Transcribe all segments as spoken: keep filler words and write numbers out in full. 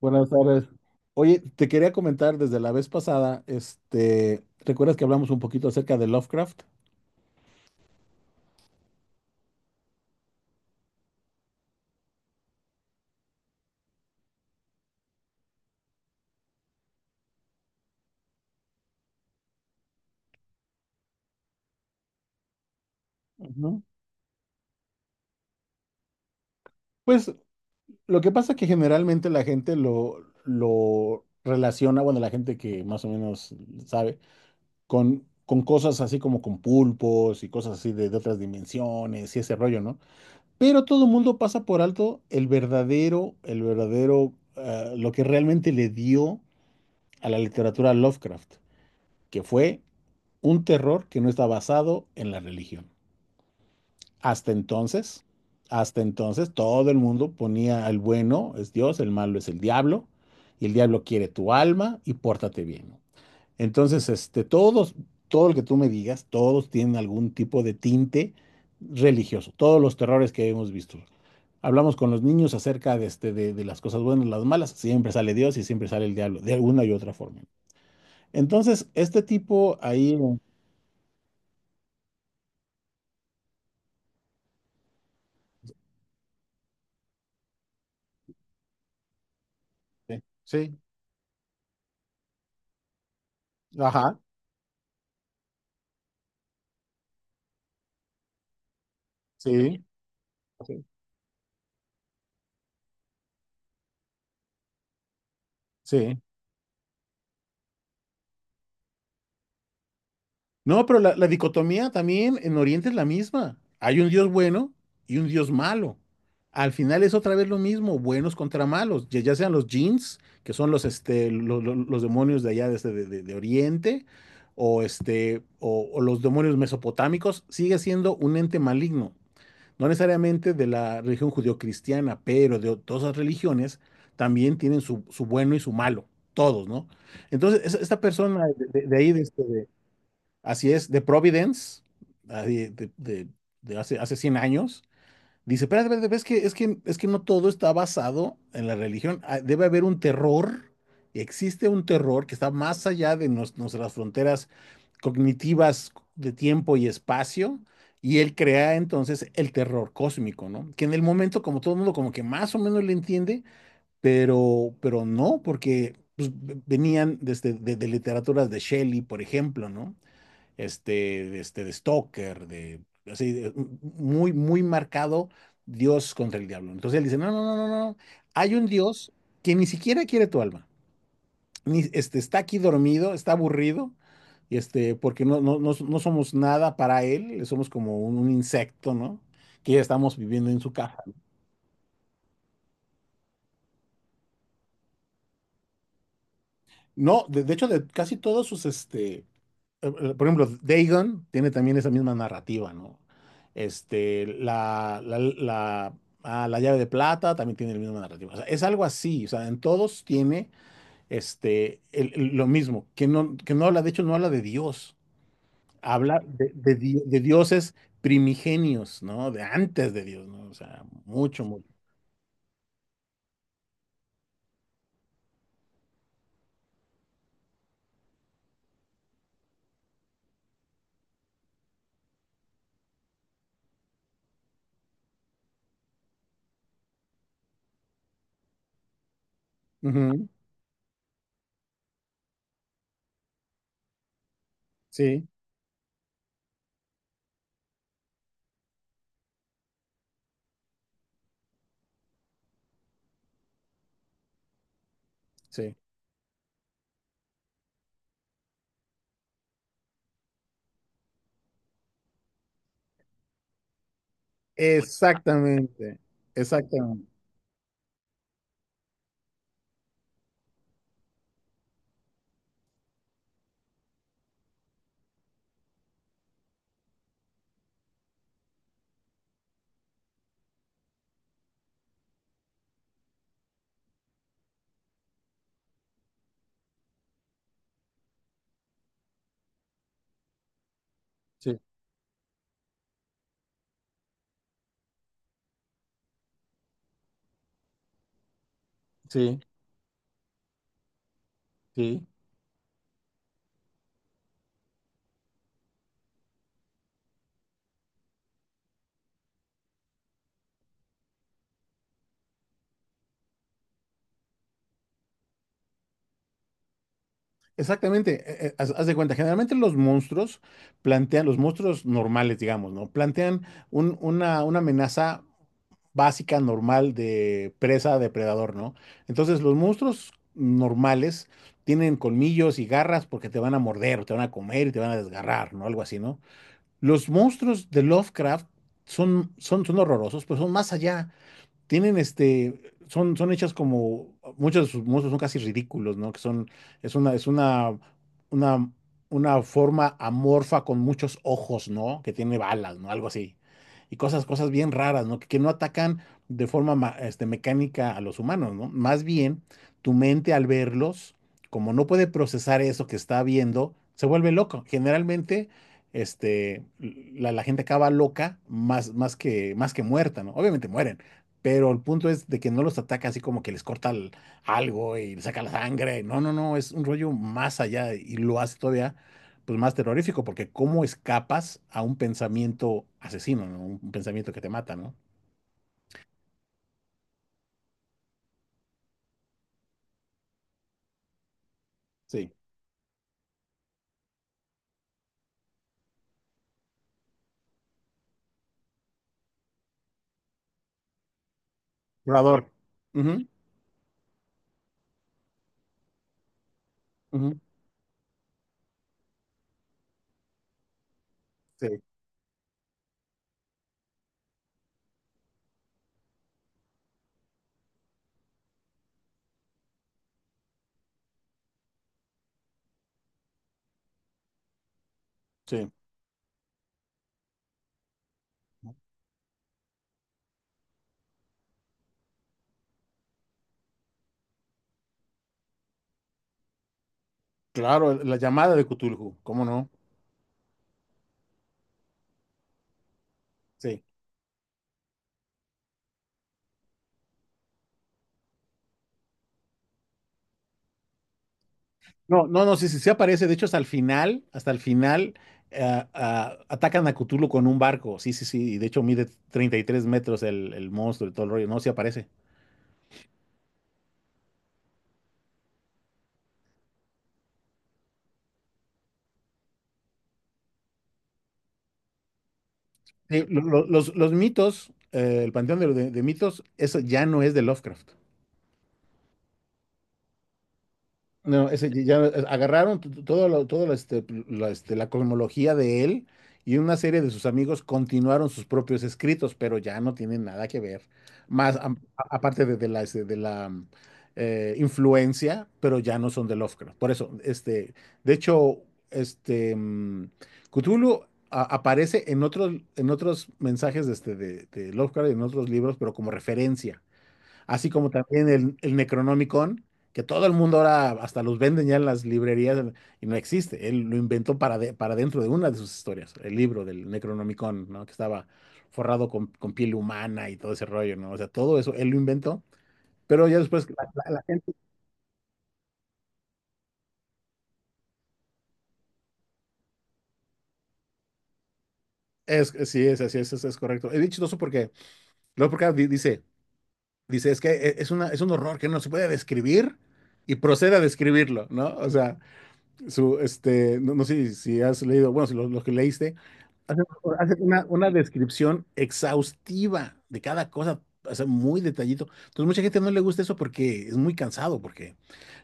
Buenas tardes. Oye, te quería comentar desde la vez pasada, este, ¿recuerdas que hablamos un poquito acerca de Lovecraft? Ujú. Pues lo que pasa es que generalmente la gente lo, lo relaciona, bueno, la gente que más o menos sabe, con, con cosas así como con pulpos y cosas así de, de otras dimensiones y ese rollo, ¿no? Pero todo el mundo pasa por alto el verdadero, el verdadero, eh, lo que realmente le dio a la literatura Lovecraft, que fue un terror que no está basado en la religión. Hasta entonces, hasta entonces todo el mundo ponía el bueno es Dios, el malo es el diablo, y el diablo quiere tu alma y pórtate bien, ¿no? Entonces, este, todos, todo lo que tú me digas, todos tienen algún tipo de tinte religioso, todos los terrores que hemos visto. Hablamos con los niños acerca de, este, de, de las cosas buenas, las malas, siempre sale Dios y siempre sale el diablo, de alguna y otra forma. Entonces, este tipo ahí, sí, ajá, sí, sí. No, pero la, la dicotomía también en Oriente es la misma. Hay un Dios bueno y un Dios malo. Al final es otra vez lo mismo, buenos contra malos, ya, ya sean los jinns, que son los, este, lo- lo- los demonios de allá de, este- de- de- de Oriente, o, este, o, o los demonios mesopotámicos, sigue siendo un ente maligno. No necesariamente de la religión judeocristiana, pero de todas las religiones también tienen su, su bueno y su malo, todos, ¿no? Entonces, esa- esta persona de, de- de ahí, de, este, de... Así es, de Providence, ah, de, de- de- de hace, hace cien años. Dice, pero es que, es que, es que no todo está basado en la religión. Ah, debe haber un terror, existe un terror que está más allá de nos- nuestras fronteras cognitivas de tiempo y espacio, y él crea entonces el terror cósmico, ¿no? Que en el momento, como todo el mundo, como que más o menos le entiende, pero, pero no, porque pues, ve- venían desde, de, de literaturas de Shelley, por ejemplo, ¿no? este, este, de Stoker, de, así, de- muy, muy marcado Dios contra el diablo. Entonces él dice, no, no, no, no, no, no, hay un Dios que ni siquiera quiere tu alma, ni, este, está aquí dormido, está aburrido, y este, porque no, no, no, no somos nada para él, somos como un, un insecto, ¿no? Que ya estamos viviendo en su caja. No, de, de hecho, de casi todos sus, este, eh, eh, por ejemplo, Dagon tiene también esa misma narrativa, ¿no? Este, la, la, la, ah, la llave de plata también tiene la misma narrativa. O sea, es algo así, o sea, en todos tiene este, el- el- lo mismo, que no, que no habla, de hecho, no habla de Dios, habla de, de di- de dioses primigenios, ¿no? De antes de Dios, ¿no? O sea, mucho, mucho. Ujú, sí, sí. Exactamente, exactamente. Sí, sí, sí. Exactamente, eh, eh, haz, haz de cuenta, generalmente los monstruos plantean, los monstruos normales, digamos, ¿no? Plantean un- una, una amenaza básica, normal de presa, depredador, ¿no? Entonces los monstruos normales tienen colmillos y garras porque te van a morder, te van a comer y te van a desgarrar, ¿no? Algo así, ¿no? Los monstruos de Lovecraft son, son, son horrorosos, pero son más allá, tienen este, son, son hechas como, muchos de sus monstruos son casi ridículos, ¿no? Que son, es una, es una, una, una forma amorfa con muchos ojos, ¿no? Que tiene balas, ¿no? Algo así. Y cosas, cosas bien raras, ¿no? Que, que no atacan de forma ma- este, mecánica a los humanos, ¿no? Más bien, tu mente al verlos, como no puede procesar eso que está viendo, se vuelve loco. Generalmente, este, la, la gente acaba loca más, más que, más que muerta, ¿no? Obviamente mueren, pero el punto es de que no los ataca así como que les corta el- algo y les saca la sangre. No, no, no, es un rollo más allá y lo hace todavía pues más terrorífico porque cómo escapas a un pensamiento asesino, ¿no? Un un pensamiento que te mata, ¿no? Sí. Curador. Ujú, ujú, sí, sí. Claro, la llamada de Cthulhu, ¿cómo no? Sí. No, no, no, sí, sí, sí aparece. De hecho, hasta el final, hasta el final, ah, ah, atacan a Cthulhu con un barco. Sí, sí, sí. Y de hecho, mide treinta y tres metros el, el monstruo y todo el rollo. No, sí aparece. Sí, lo- lo- los, los mitos, eh, el panteón de, de- de mitos, eso ya no es de Lovecraft. No, ese ya ya eh, agarraron t- t- todo lo- todo lo, este, la, este, la cosmología de él y una serie de sus amigos continuaron sus propios escritos, pero ya no tienen nada que ver. Más am- a- aparte de, de la, este, de la mm, eh, influencia, pero ya no son de Lovecraft. Por eso, este, de hecho, este mm, Cthulhu a- aparece en otros, en otros mensajes de, este, de, de Lovecraft y en otros libros, pero como referencia así como también el, el Necronomicon, que todo el mundo ahora hasta los venden ya en las librerías y no existe. Él lo inventó para, de- para dentro de una de sus historias, el libro del Necronomicon, ¿no? Que estaba forrado con, con piel humana y todo ese rollo, ¿no? O sea, todo eso él lo inventó. Pero ya después la, la- la gente es, sí, es así, es, es, es correcto. Es dicho eso porque luego porque di- dice, dice, es que e- es una, es un horror que no se puede describir y procede a describirlo, ¿no? O sea, su, este, no, no sé si has leído, bueno, si lo, lo que leíste, hace, hace una, una descripción exhaustiva de cada cosa, o sea, muy detallito. Entonces, mucha gente no le gusta eso porque es muy cansado, porque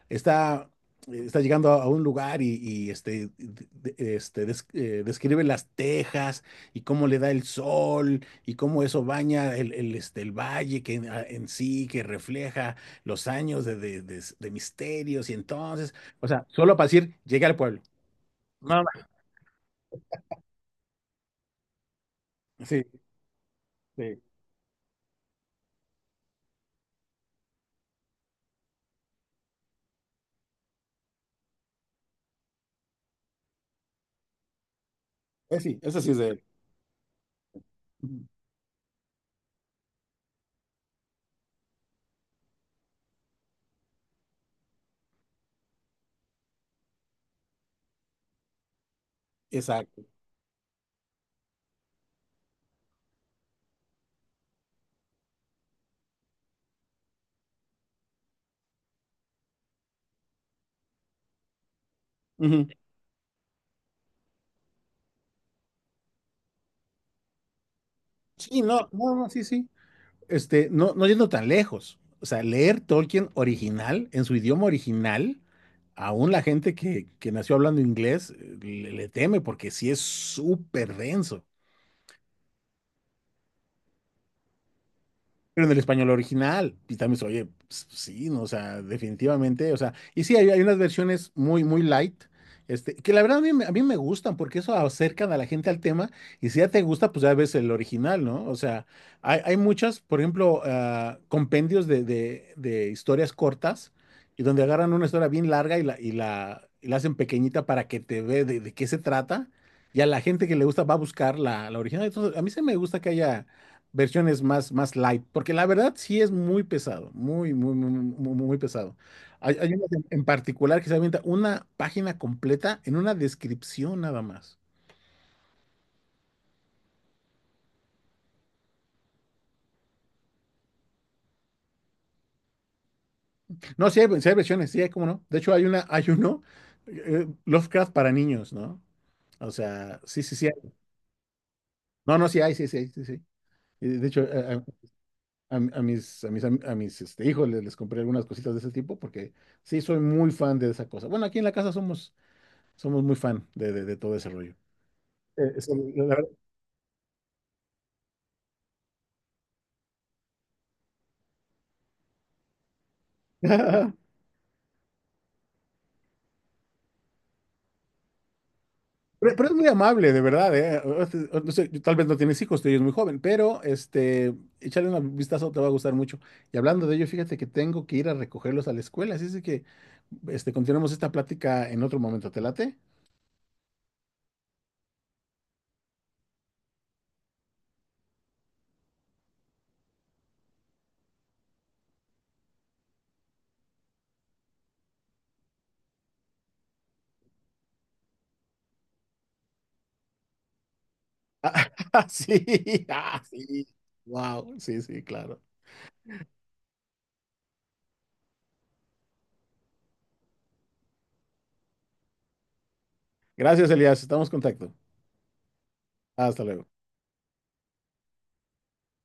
está, está llegando a un lugar y, y, este, de- este, des- eh, describe las tejas y cómo le da el sol y cómo eso baña el, el, este, el valle que en, a- en sí, que refleja los años de, de- de- de misterios y entonces, o sea, solo para decir, llegué al pueblo. No, no, sí, sí, eh, sí, eso sí es de él. Ujú. Exacto. Ujú. Sí, no, no, no, sí, sí. Este, no, no yendo tan lejos. O sea, leer Tolkien original, en su idioma original, aún la gente que, que nació hablando inglés eh, le, le teme porque sí es súper denso. Pero en el español original, y también se oye, pues, pues, sí, no, o sea, definitivamente, o sea, y sí, hay, hay unas versiones muy, muy light, este, que la verdad a mí, me- a mí me gustan, porque eso acercan a la gente al tema, y si ya te gusta, pues ya ves el original, ¿no? O sea, hay, hay muchas, por ejemplo, ah, compendios de, de- de historias cortas, y donde agarran una historia bien larga y la, y la, y la hacen pequeñita para que te ve de, de qué se trata, y a la gente que le gusta va a buscar la, la original, entonces a mí se me gusta que haya versiones más, más light, porque la verdad sí es muy pesado, muy, muy, muy, muy, muy pesado. Hay, hay una en en particular que se avienta una página completa en una descripción nada más. No, sí hay, sí hay versiones, sí hay, cómo no. De hecho, hay una, hay uno, eh, Lovecraft para niños, ¿no? O sea, sí, sí, sí hay. No, no, sí hay, sí, sí, hay, sí, sí. Y de hecho, a, a- a- a mis, a mis, am- a mis este, hijos les, les compré algunas cositas de ese tipo porque sí soy muy fan de esa cosa. Bueno, aquí en la casa somos, somos muy fan de, de de todo ese rollo. Eh, eso, la verdad. Pero, pero es muy amable, de verdad, ¿eh? O- o- no sé, tal vez no tienes hijos, tú eres muy joven, pero este, échale un vistazo, te va a gustar mucho. Y hablando de ello, fíjate que tengo que ir a recogerlos a la escuela, así es de que este, continuemos esta plática en otro momento, ¿te late? Sí, ah, sí, wow, sí, sí, claro. Gracias, Elías, estamos en contacto. Hasta luego.